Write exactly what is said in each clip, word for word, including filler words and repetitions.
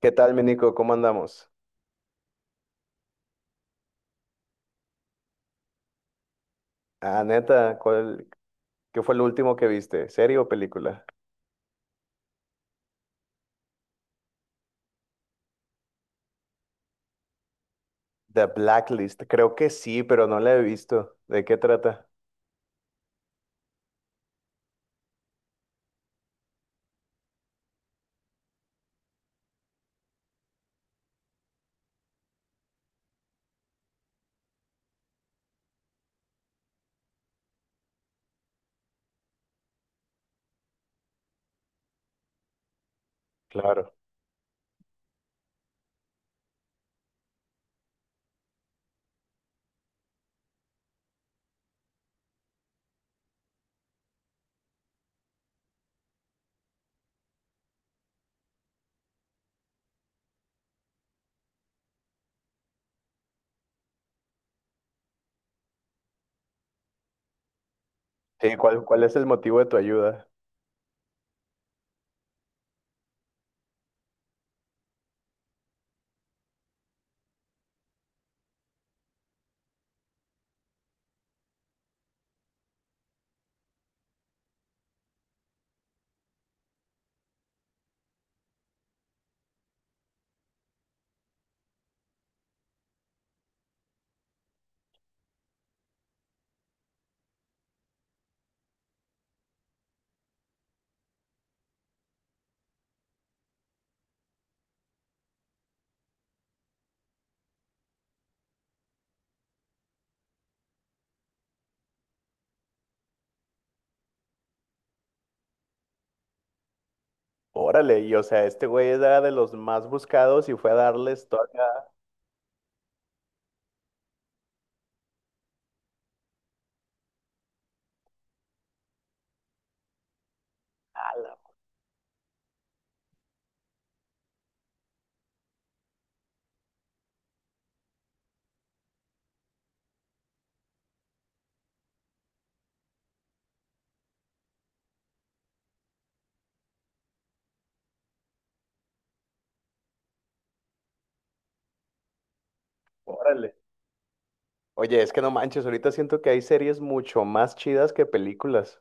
¿Qué tal, mi Nico? ¿Cómo andamos? Ah, neta, ¿cuál, ¿qué fue el último que viste? ¿Serie o película? The Blacklist. Creo que sí, pero no la he visto. ¿De qué trata? Claro. Sí, ¿cuál, ¿cuál es el motivo de tu ayuda? Órale, y o sea, este güey era de los más buscados y fue a darles toda... Órale. Oye, es que no manches, ahorita siento que hay series mucho más chidas que películas.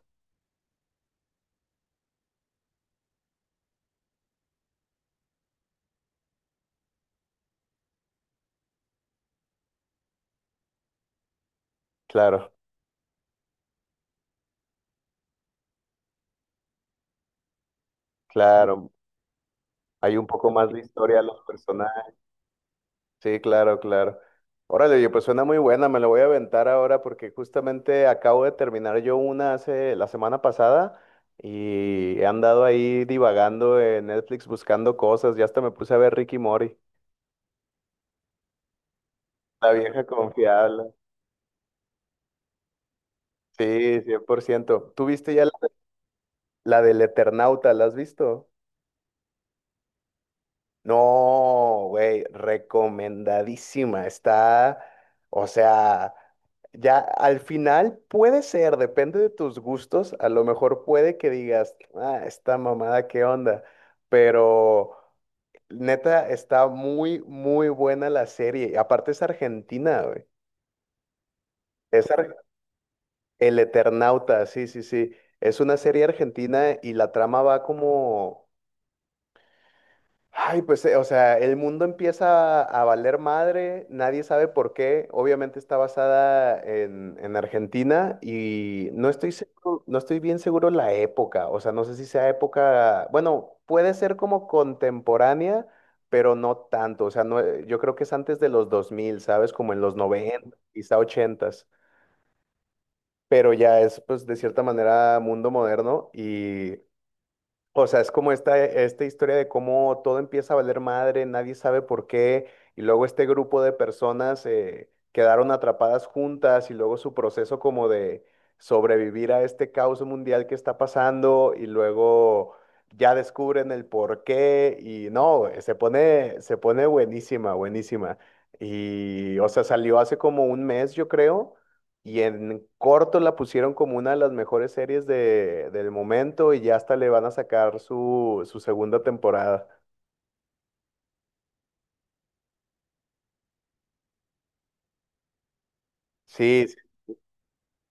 Claro, claro. Hay un poco más de historia a los personajes. Sí, claro, claro. Órale, oye, pues suena muy buena, me la voy a aventar ahora porque justamente acabo de terminar yo una hace la semana pasada y he andado ahí divagando en Netflix buscando cosas, ya hasta me puse a ver Ricky Mori, la vieja confiable. Sí, cien por ciento. ¿Tú viste ya la, ¿la del Eternauta? ¿La has visto? No, güey, recomendadísima. Está, o sea, ya al final puede ser, depende de tus gustos, a lo mejor puede que digas, ah, esta mamada, ¿qué onda? Pero neta, está muy, muy buena la serie. Y Aparte es argentina, güey. Es ar- El Eternauta, sí, sí, sí. Es una serie argentina y la trama va como... Ay, pues, eh, o sea, el mundo empieza a valer madre, nadie sabe por qué. Obviamente está basada en, en Argentina y no estoy seguro- no estoy bien seguro la época. O sea, no sé si sea época, bueno, puede ser como contemporánea, pero no tanto. O sea, no, eh, yo creo que es antes de los dos mil, ¿sabes? Como en los noventa quizá ochentas. Pero ya es, pues, de cierta manera mundo moderno y o sea, es como esta, esta historia de cómo todo empieza a valer madre, nadie sabe por qué, y luego este grupo de personas eh, quedaron atrapadas juntas y luego su proceso como de sobrevivir a este caos mundial que está pasando y luego ya descubren el por qué y no, se pone, se pone buenísima, buenísima. Y, o sea, salió hace como un mes, yo creo. Y en corto la pusieron como una de las mejores series de, del momento y ya hasta le van a sacar su, su segunda temporada. Sí,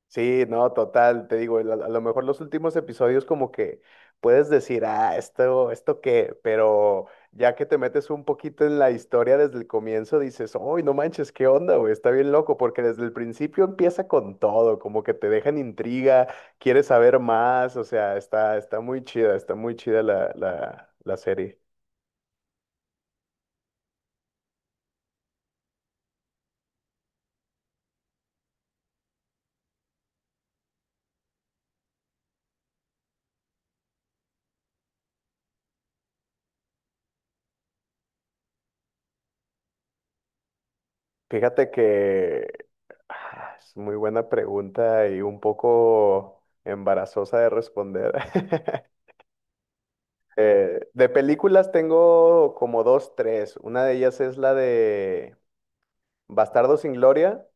Sí, no, total, te digo, a, a lo mejor los últimos episodios como que puedes decir, ah, esto, esto qué, pero ya que te metes un poquito en la historia desde el comienzo, dices, uy, no manches, qué onda, güey, está bien loco, porque desde el principio empieza con todo, como que te dejan intriga, quieres saber más, o sea, está, está muy chida, está muy chida la, la, la serie. Fíjate que ah, es muy buena pregunta y un poco embarazosa de responder. Eh, de películas tengo como dos, tres. Una de ellas es la de Bastardo sin Gloria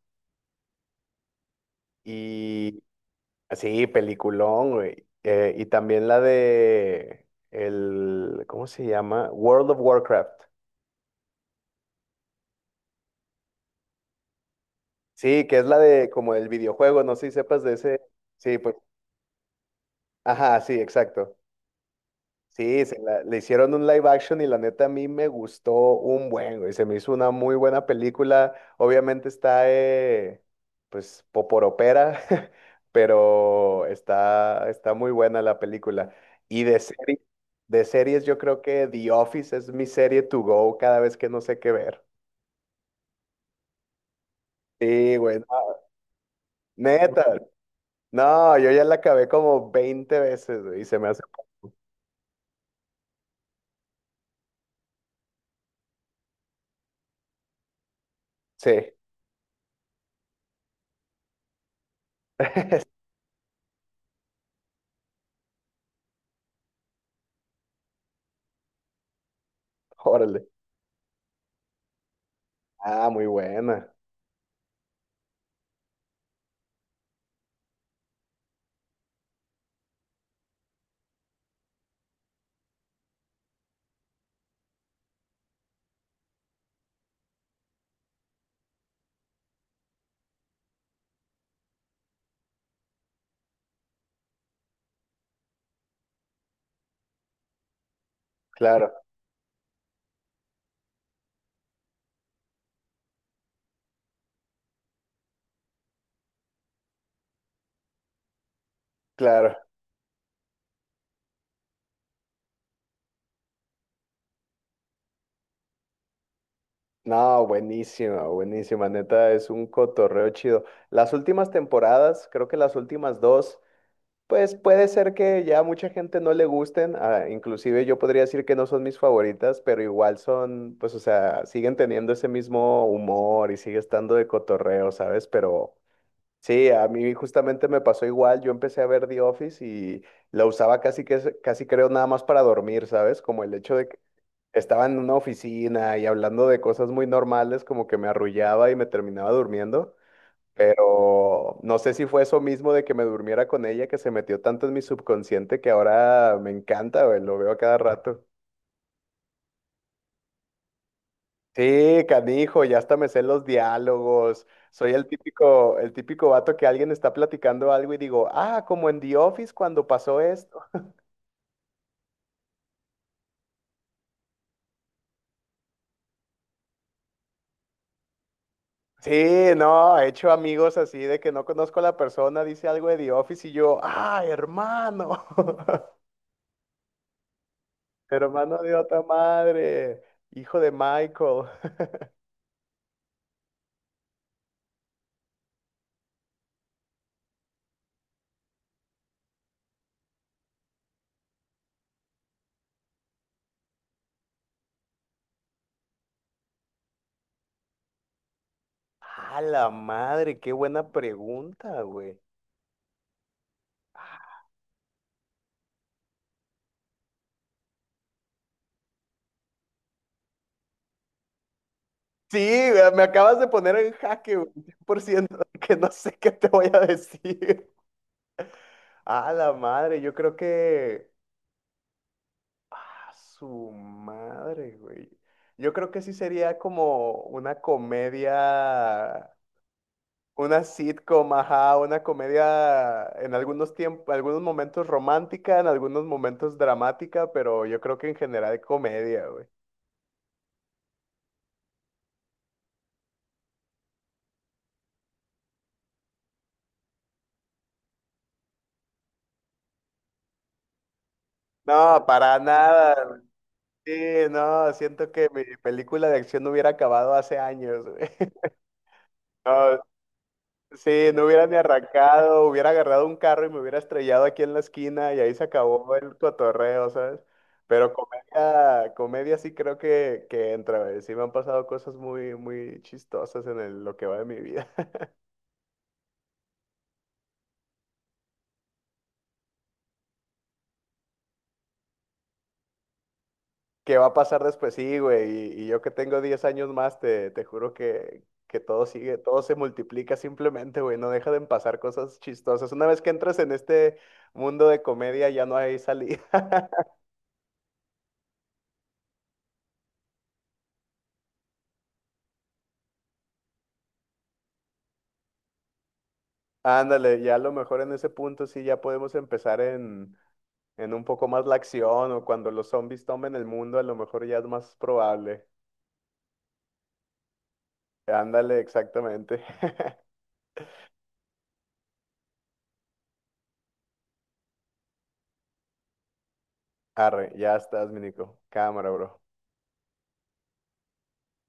y sí, peliculón, güey. Eh, y también la de el, ¿cómo se llama? World of Warcraft. Sí, que es la de como el videojuego, no sé si sepas de ese. Sí, pues, ajá, sí, exacto. Sí, se la- le hicieron un live action y la neta a mí me gustó un buen, güey. Se me hizo una muy buena película. Obviamente está, eh, pues, poporopera, pero está, está muy buena la película. Y de serie- de series yo creo que The Office es mi serie to go cada vez que no sé qué ver. Sí, güey, no, neta. No, yo ya la acabé como veinte veces, güey, y se me hace... Sí, órale. Ah, muy buena. Claro, claro. No, buenísima, buenísima, neta, es un cotorreo chido. Las últimas temporadas, creo que las últimas dos, pues puede ser que ya mucha gente no le gusten, ah, inclusive yo podría decir que no son mis favoritas, pero igual son, pues o sea, siguen teniendo ese mismo humor y sigue estando de cotorreo, ¿sabes? Pero sí, a mí justamente me pasó igual, yo empecé a ver The Office y la usaba casi que, casi creo nada más para dormir, ¿sabes? Como el hecho de que estaba en una oficina y hablando de cosas muy normales, como que me arrullaba y me terminaba durmiendo, pero no sé si fue eso mismo de que me durmiera con ella que se metió tanto en mi subconsciente que ahora me encanta, güey, lo veo a cada rato. Sí, canijo, ya hasta me sé los diálogos. Soy el típico, el típico vato que alguien está platicando algo y digo, ah, como en The Office cuando pasó esto. Sí, no, he hecho amigos así de que no conozco a la persona, dice algo de The Office y yo, ah, hermano. Hermano de otra madre, hijo de Michael. A la madre, qué buena pregunta, güey. Sí, me me acabas de poner en jaque, güey, cien por ciento que no sé qué te voy a decir. A la madre, yo creo que... A su madre, güey. Yo creo que sí sería como una comedia. Una sitcom, ajá, una comedia en algunos tiempos, algunos momentos romántica, en algunos momentos dramática, pero yo creo que en general comedia, güey. No, para nada. Sí, no, siento que mi película de acción hubiera acabado hace años, güey. No, Sí, no hubiera ni arrancado, hubiera agarrado un carro y me hubiera estrellado aquí en la esquina y ahí se acabó el cotorreo, ¿sabes? Pero comedia, comedia sí creo que, que entra, güey. Sí me han pasado cosas muy, muy chistosas en el- lo que va de mi vida. ¿Qué va a pasar después? Sí, güey. Y, y yo que tengo diez años más, te, te juro que, que todo sigue, todo se multiplica simplemente, güey. No deja de pasar cosas chistosas. Una vez que entras en este mundo de comedia, ya no hay salida. Ándale, ya a lo mejor en ese punto sí ya podemos empezar en, en un poco más la acción o cuando los zombies tomen el mundo, a lo mejor ya es más probable. Ándale, exactamente. Arre, ya estás, mi Nico. Cámara, bro.